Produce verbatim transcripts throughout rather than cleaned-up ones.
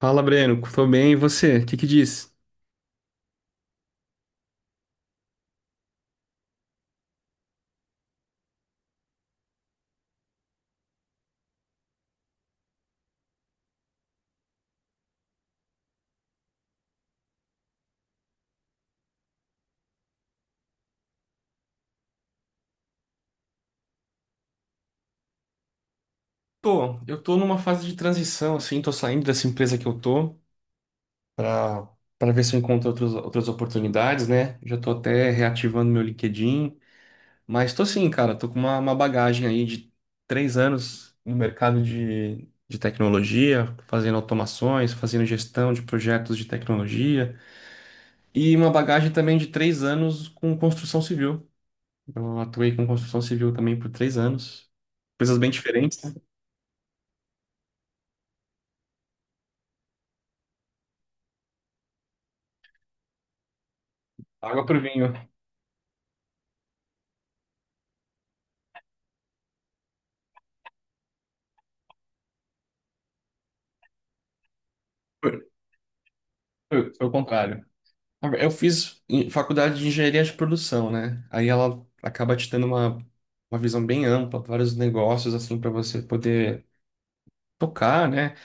Fala, Breno. Tô bem, e você? O que que diz? Tô, eu tô numa fase de transição, assim, tô saindo dessa empresa que eu tô pra para ver se eu encontro outros, outras oportunidades, né? Já tô até reativando meu LinkedIn, mas tô sim, cara, tô com uma, uma bagagem aí de três anos no mercado de, de tecnologia, fazendo automações, fazendo gestão de projetos de tecnologia e uma bagagem também de três anos com construção civil. Eu atuei com construção civil também por três anos, coisas bem diferentes. Água pro vinho. Foi, foi- foi o contrário. Eu fiz em- faculdade de engenharia de produção, né? Aí ela acaba te dando uma, uma visão bem ampla, vários negócios, assim, para você poder tocar, né?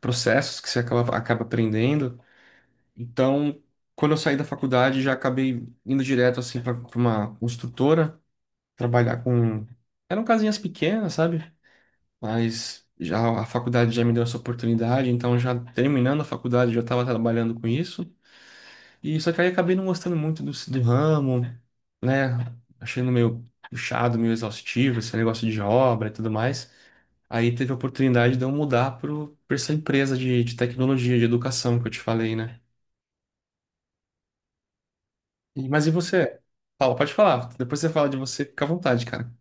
Processos que você acaba, acaba aprendendo. Então, quando eu saí da faculdade, já acabei indo direto, assim, para uma construtora, trabalhar com. Eram casinhas pequenas, sabe? Mas já a faculdade já me deu essa oportunidade, então, já terminando a faculdade, já estava trabalhando com isso. E só que aí acabei não gostando muito do, do ramo, né? Achando meio puxado, meio exaustivo, esse negócio de obra e tudo mais. Aí teve a oportunidade de eu mudar pro, pra essa empresa de, de tecnologia, de educação que eu te falei, né? E- mas e você? Fala, pode falar. Depois você fala de você, fica à vontade, cara.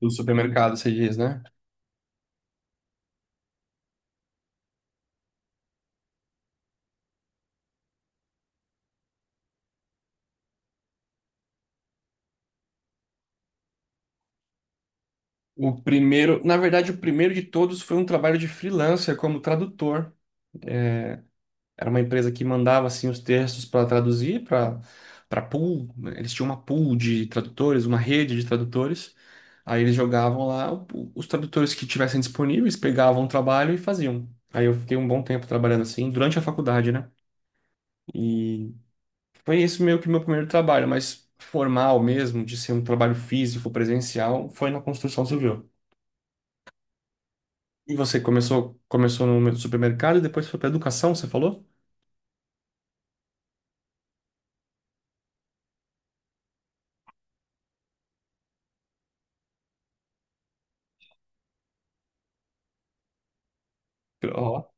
Do supermercado, você diz, né? O primeiro, na verdade, o primeiro de todos foi um trabalho de freelancer como tradutor. Era uma empresa que mandava assim os textos para traduzir para para pool, né? Eles tinham uma pool de tradutores, uma rede de tradutores. Aí eles jogavam lá o- os tradutores que tivessem disponíveis, pegavam o trabalho e faziam. Aí eu fiquei um bom tempo trabalhando assim durante a faculdade, né? E foi isso meio que meu primeiro trabalho, mas formal mesmo, de ser um trabalho físico, presencial, foi na construção civil. E você começou começou no supermercado e depois foi para educação, você falou? Ó,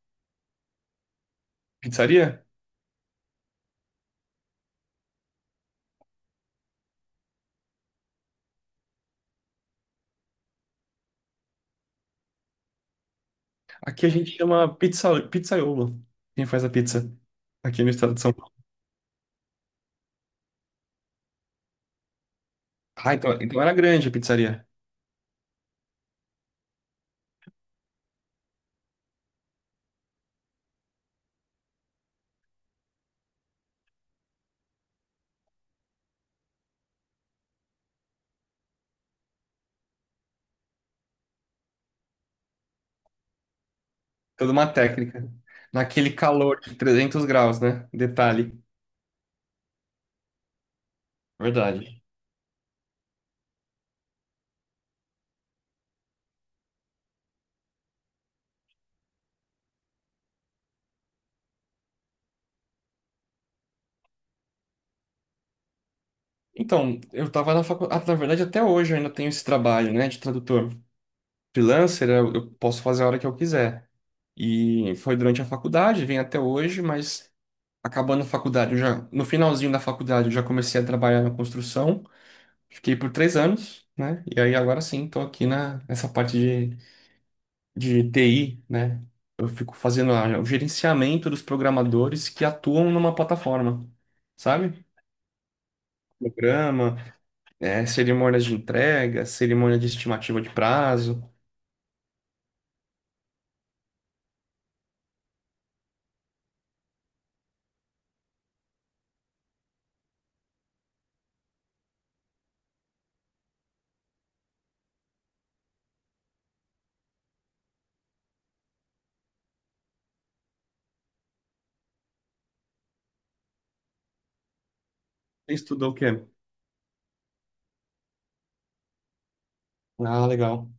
pizzaria? Aqui a gente chama pizza, pizzaiolo, quem faz a pizza aqui no estado de São Paulo. Ah, então, então era grande a pizzaria. Toda uma técnica. Naquele calor de trezentos graus, né? Detalhe. Verdade. Então, eu tava na faculdade. Na verdade, até hoje eu ainda tenho esse trabalho, né, de tradutor. Freelancer, eu, eu posso fazer a hora que eu quiser. E foi durante a faculdade, vem até hoje, mas acabando a faculdade, eu já, no finalzinho da faculdade, eu já comecei a trabalhar na construção. Fiquei por três anos, né? E aí agora sim, estou aqui na, nessa parte de, de T I, né? Eu fico fazendo a- o gerenciamento dos programadores que atuam numa plataforma, sabe? Programa, eh, cerimônias de entrega, cerimônia de estimativa de prazo. Você estudou o quê? Ah, legal.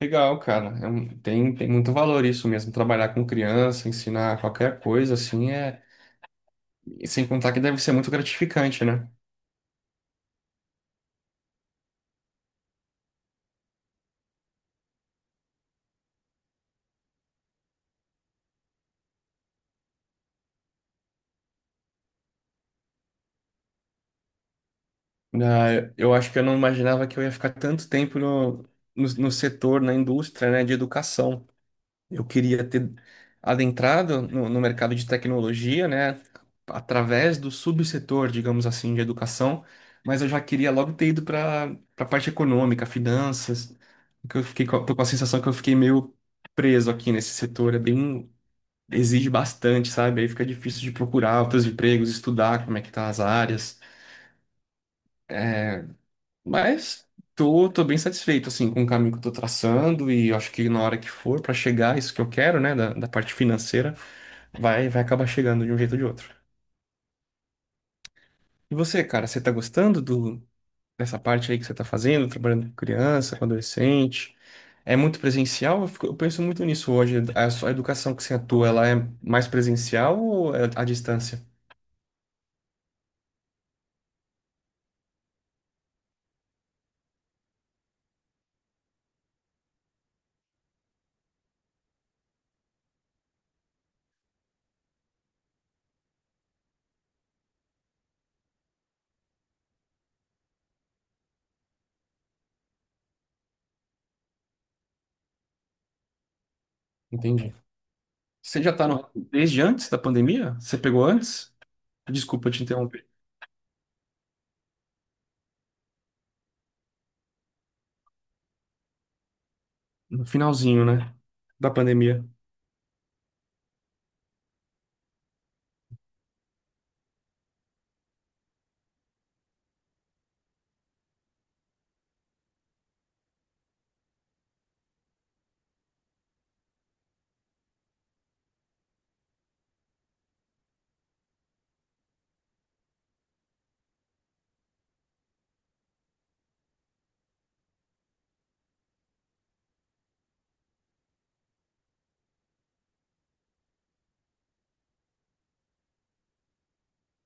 Legal, cara. É um- tem, tem muito valor isso mesmo. Trabalhar com criança, ensinar qualquer coisa, assim, é. E sem contar que deve ser muito gratificante, né? Ah, eu acho que eu não imaginava que eu ia ficar tanto tempo no, no, no setor, na indústria, né, de educação. Eu queria ter adentrado no, no mercado de tecnologia, né, através do subsetor, digamos assim, de educação, mas eu já queria logo ter ido para a parte econômica, finanças, que eu fiquei, com- tô com a sensação que eu fiquei meio preso aqui nesse setor, é bem, exige bastante, sabe? Aí fica difícil de procurar outros empregos, estudar como é que tá as áreas. Mas tô, tô bem satisfeito, assim, com o caminho que eu tô traçando e eu acho que na hora que for pra chegar isso que eu quero, né, da, da parte financeira, vai, vai acabar chegando de um jeito ou de outro. E você, cara, você tá gostando do, dessa parte aí que você tá fazendo, trabalhando com criança, com adolescente? É muito presencial? Eu, fico- eu penso muito nisso hoje. A sua educação que você atua, ela é mais presencial ou é à distância? Entendi. Você já tá no, desde antes da pandemia? Você pegou antes? Desculpa te interromper. No finalzinho, né? Da pandemia.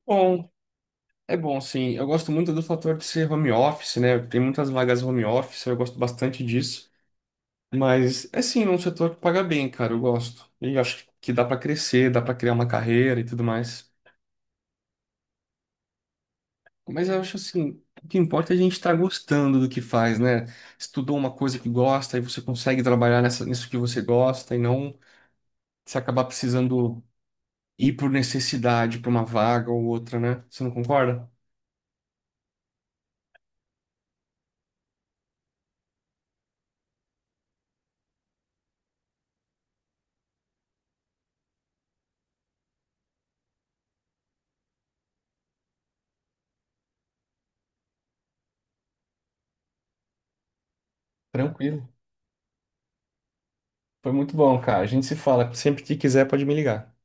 Bom, é bom, sim. Eu gosto muito do fator de ser home office, né? Tem muitas vagas home office, eu gosto bastante disso. Mas é sim, um setor que paga bem, cara, eu gosto. E acho que dá pra crescer, dá pra criar uma carreira e tudo mais. Mas eu acho assim, o que importa é a gente estar gostando do que faz, né? Estudou uma coisa que gosta e você consegue trabalhar nessa, nisso que você gosta e não se acabar precisando ir por necessidade pra uma vaga ou outra, né? Você não concorda? Tranquilo. Foi muito bom, cara. A gente se fala. Sempre que quiser, pode me ligar.